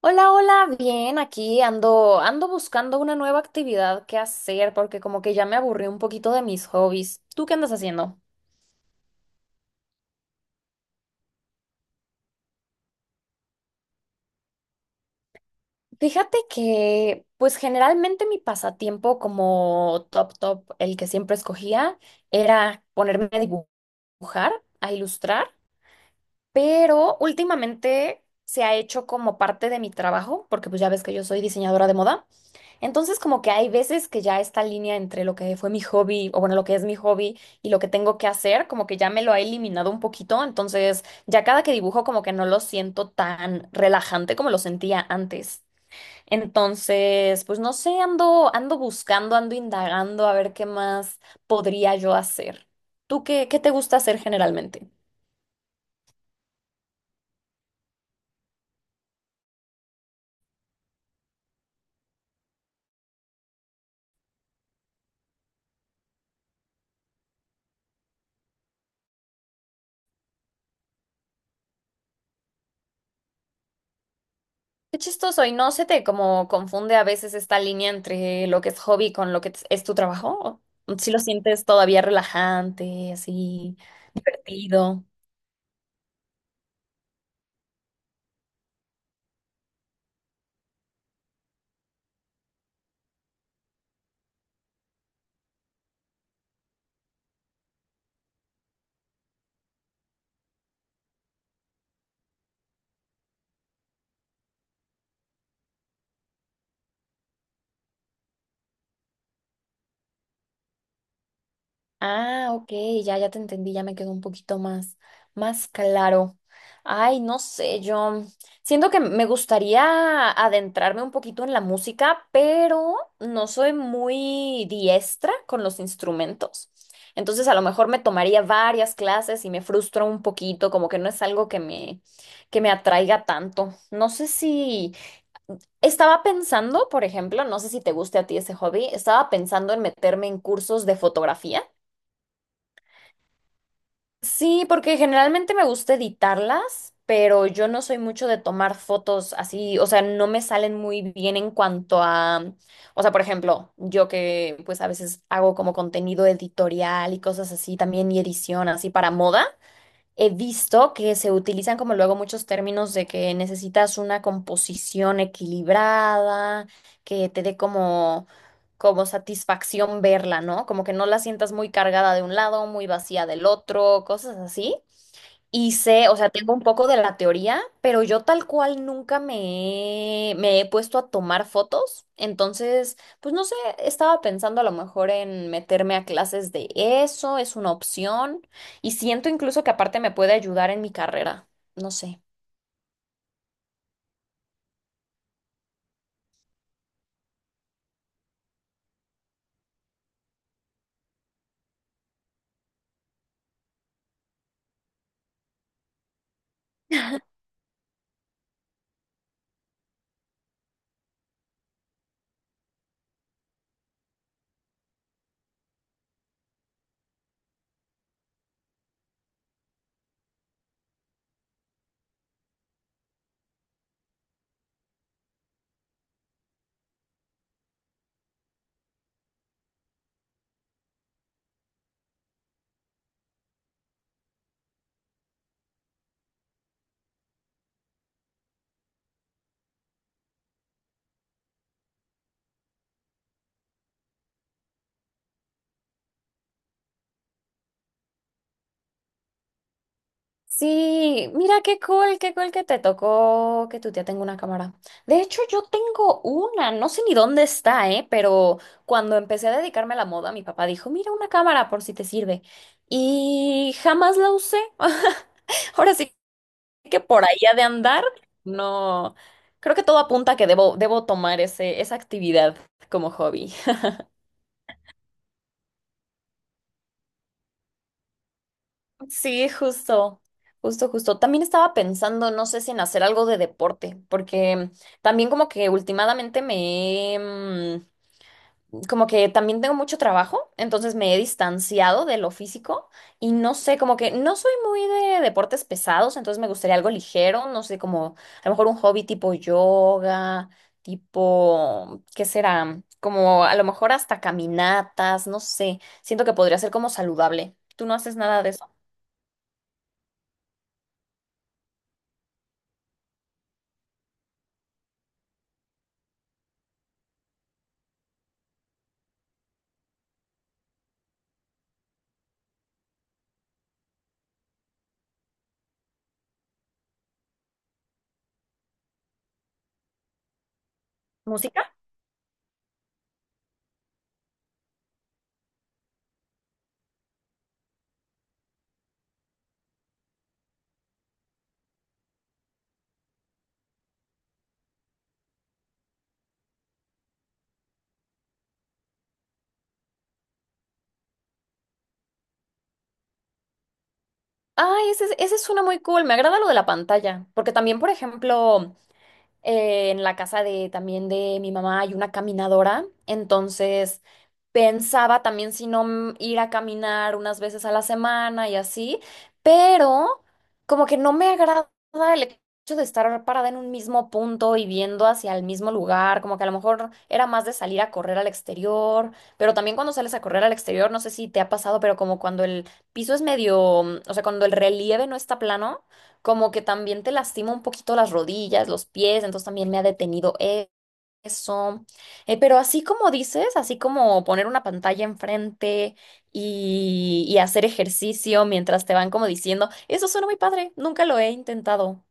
Hola, hola, bien, aquí ando buscando una nueva actividad que hacer porque como que ya me aburrí un poquito de mis hobbies. ¿Tú qué andas haciendo? Fíjate que, pues generalmente mi pasatiempo como top top, el que siempre escogía, era ponerme a dibujar, a ilustrar, pero últimamente se ha hecho como parte de mi trabajo, porque pues ya ves que yo soy diseñadora de moda. Entonces, como que hay veces que ya esta línea entre lo que fue mi hobby, o bueno, lo que es mi hobby y lo que tengo que hacer, como que ya me lo ha eliminado un poquito. Entonces, ya cada que dibujo, como que no lo siento tan relajante como lo sentía antes. Entonces, pues no sé, ando buscando, ando indagando a ver qué más podría yo hacer. ¿Tú qué te gusta hacer generalmente? Qué chistoso, ¿y no se te como confunde a veces esta línea entre lo que es hobby con lo que es tu trabajo? ¿O si lo sientes todavía relajante, así, divertido? Ah, ok, ya te entendí, ya me quedó un poquito más claro. Ay, no sé, yo siento que me gustaría adentrarme un poquito en la música, pero no soy muy diestra con los instrumentos. Entonces, a lo mejor me tomaría varias clases y me frustro un poquito, como que no es algo que me atraiga tanto. No sé si estaba pensando, por ejemplo, no sé si te guste a ti ese hobby, estaba pensando en meterme en cursos de fotografía. Sí, porque generalmente me gusta editarlas, pero yo no soy mucho de tomar fotos así, o sea, no me salen muy bien en cuanto a, o sea, por ejemplo, yo que pues a veces hago como contenido editorial y cosas así también y edición así para moda. He visto que se utilizan como luego muchos términos de que necesitas una composición equilibrada, que te dé como satisfacción verla, ¿no? Como que no la sientas muy cargada de un lado, muy vacía del otro, cosas así. Y sé, o sea, tengo un poco de la teoría, pero yo tal cual nunca me he puesto a tomar fotos. Entonces, pues no sé, estaba pensando a lo mejor en meterme a clases de eso, es una opción. Y siento incluso que aparte me puede ayudar en mi carrera. No sé. Sí, mira qué cool que te tocó que tu tía tenga una cámara. De hecho, yo tengo una, no sé ni dónde está, ¿eh? Pero cuando empecé a dedicarme a la moda, mi papá dijo, mira una cámara por si te sirve. Y jamás la usé. Ahora sí que por ahí ha de andar. No, creo que todo apunta a que debo tomar esa actividad como hobby. Sí, justo, justo, justo. También estaba pensando, no sé si en hacer algo de deporte, porque también como que últimamente como que también tengo mucho trabajo, entonces me he distanciado de lo físico y no sé, como que no soy muy de deportes pesados, entonces me gustaría algo ligero, no sé, como a lo mejor un hobby tipo yoga, tipo, ¿qué será? Como a lo mejor hasta caminatas, no sé. Siento que podría ser como saludable. ¿Tú no haces nada de eso? ¿Música? Ay, esa es una muy cool. Me agrada lo de la pantalla, porque también, por ejemplo, en la casa de también de mi mamá hay una caminadora, entonces pensaba también si no ir a caminar unas veces a la semana y así, pero como que no me agrada el hecho de estar parada en un mismo punto y viendo hacia el mismo lugar, como que a lo mejor era más de salir a correr al exterior, pero también cuando sales a correr al exterior, no sé si te ha pasado, pero como cuando el piso es medio, o sea, cuando el relieve no está plano como que también te lastima un poquito las rodillas, los pies, entonces también me ha detenido eso. Pero así como dices, así como poner una pantalla enfrente y hacer ejercicio mientras te van como diciendo, eso suena muy padre, nunca lo he intentado.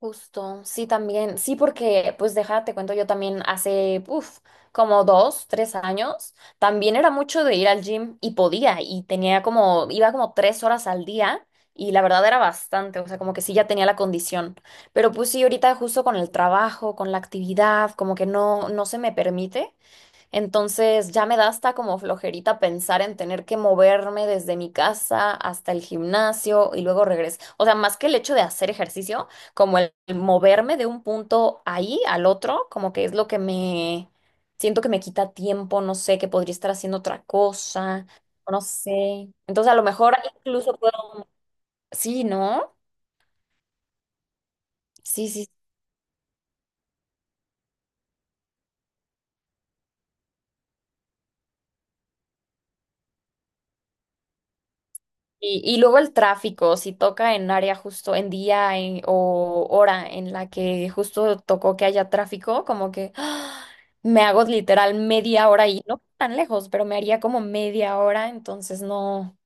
Justo, sí, también, sí, porque, pues déjate, te cuento, yo también hace, uff, como 2, 3 años, también era mucho de ir al gym y podía, y tenía como, iba como 3 horas al día, y la verdad era bastante, o sea, como que sí ya tenía la condición, pero pues sí, ahorita justo con el trabajo, con la actividad, como que no, no se me permite, entonces ya me da hasta como flojerita pensar en tener que moverme desde mi casa hasta el gimnasio y luego regresar. O sea, más que el hecho de hacer ejercicio, como el moverme de un punto ahí al otro, como que es lo que me siento que me quita tiempo, no sé, que podría estar haciendo otra cosa, no sé. Entonces a lo mejor incluso puedo... Sí, ¿no? Sí, sí, Y luego el tráfico, si toca en área justo en día o hora en la que justo tocó que haya tráfico, como que ¡ah! Me hago literal media hora y no tan lejos, pero me haría como media hora, entonces no,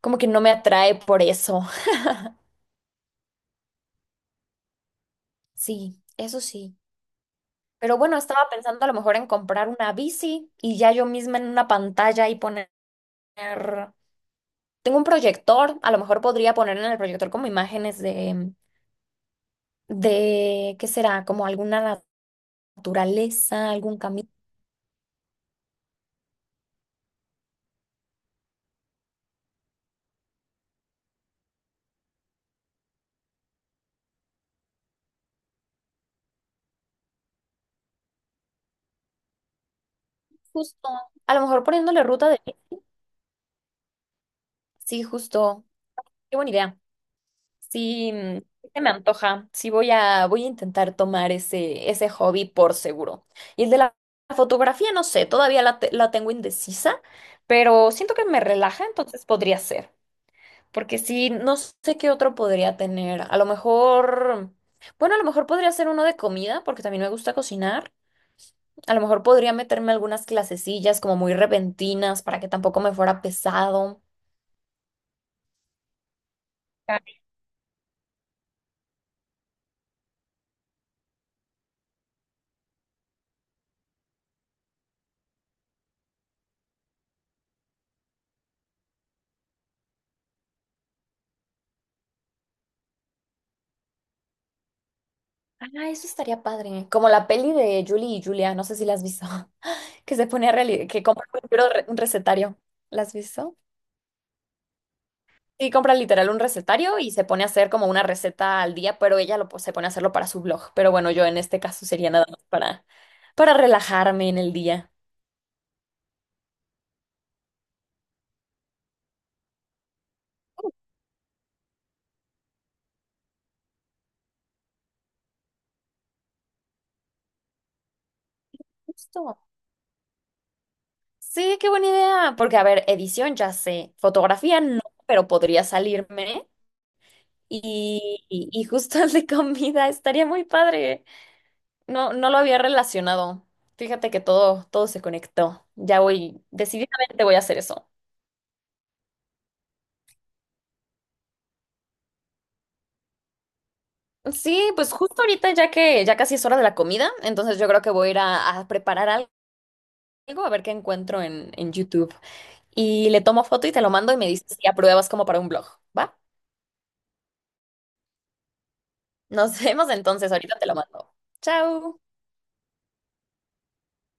como que no me atrae por eso. Sí, eso sí. Pero bueno, estaba pensando a lo mejor en comprar una bici y ya yo misma en una pantalla y poner... Tengo un proyector, a lo mejor podría poner en el proyector como imágenes de, ¿qué será? Como alguna naturaleza, algún camino, justo, a lo mejor poniéndole ruta de... Sí, justo, qué buena idea. Sí, sí se me antoja. Sí, voy a intentar tomar ese hobby por seguro. Y el de la fotografía, no sé, todavía la tengo indecisa, pero siento que me relaja, entonces podría ser. Porque sí, no sé qué otro podría tener. A lo mejor, bueno, a lo mejor podría ser uno de comida, porque también me gusta cocinar. A lo mejor podría meterme algunas clasecillas como muy repentinas para que tampoco me fuera pesado. Ah, eso estaría padre. Como la peli de Julie y Julia, no sé si la has visto, que se pone a que compra un libro, un recetario. ¿La has visto? Sí, compra literal un recetario y se pone a hacer como una receta al día, pero ella se pone a hacerlo para su blog. Pero bueno, yo en este caso sería nada más para relajarme en el día. Justo. Sí, qué buena idea. Porque, a ver, edición ya sé, fotografía no, pero podría salirme. Y justo el de comida estaría muy padre. No, no lo había relacionado. Fíjate que todo, todo se conectó. Ya voy, decididamente voy a hacer eso. Sí, pues justo ahorita ya que ya casi es hora de la comida, entonces yo creo que voy a ir a preparar algo, a ver qué encuentro en YouTube. Y le tomo foto y te lo mando y me dices si apruebas como para un blog, ¿va? Nos vemos entonces, ahorita te lo mando. Chao.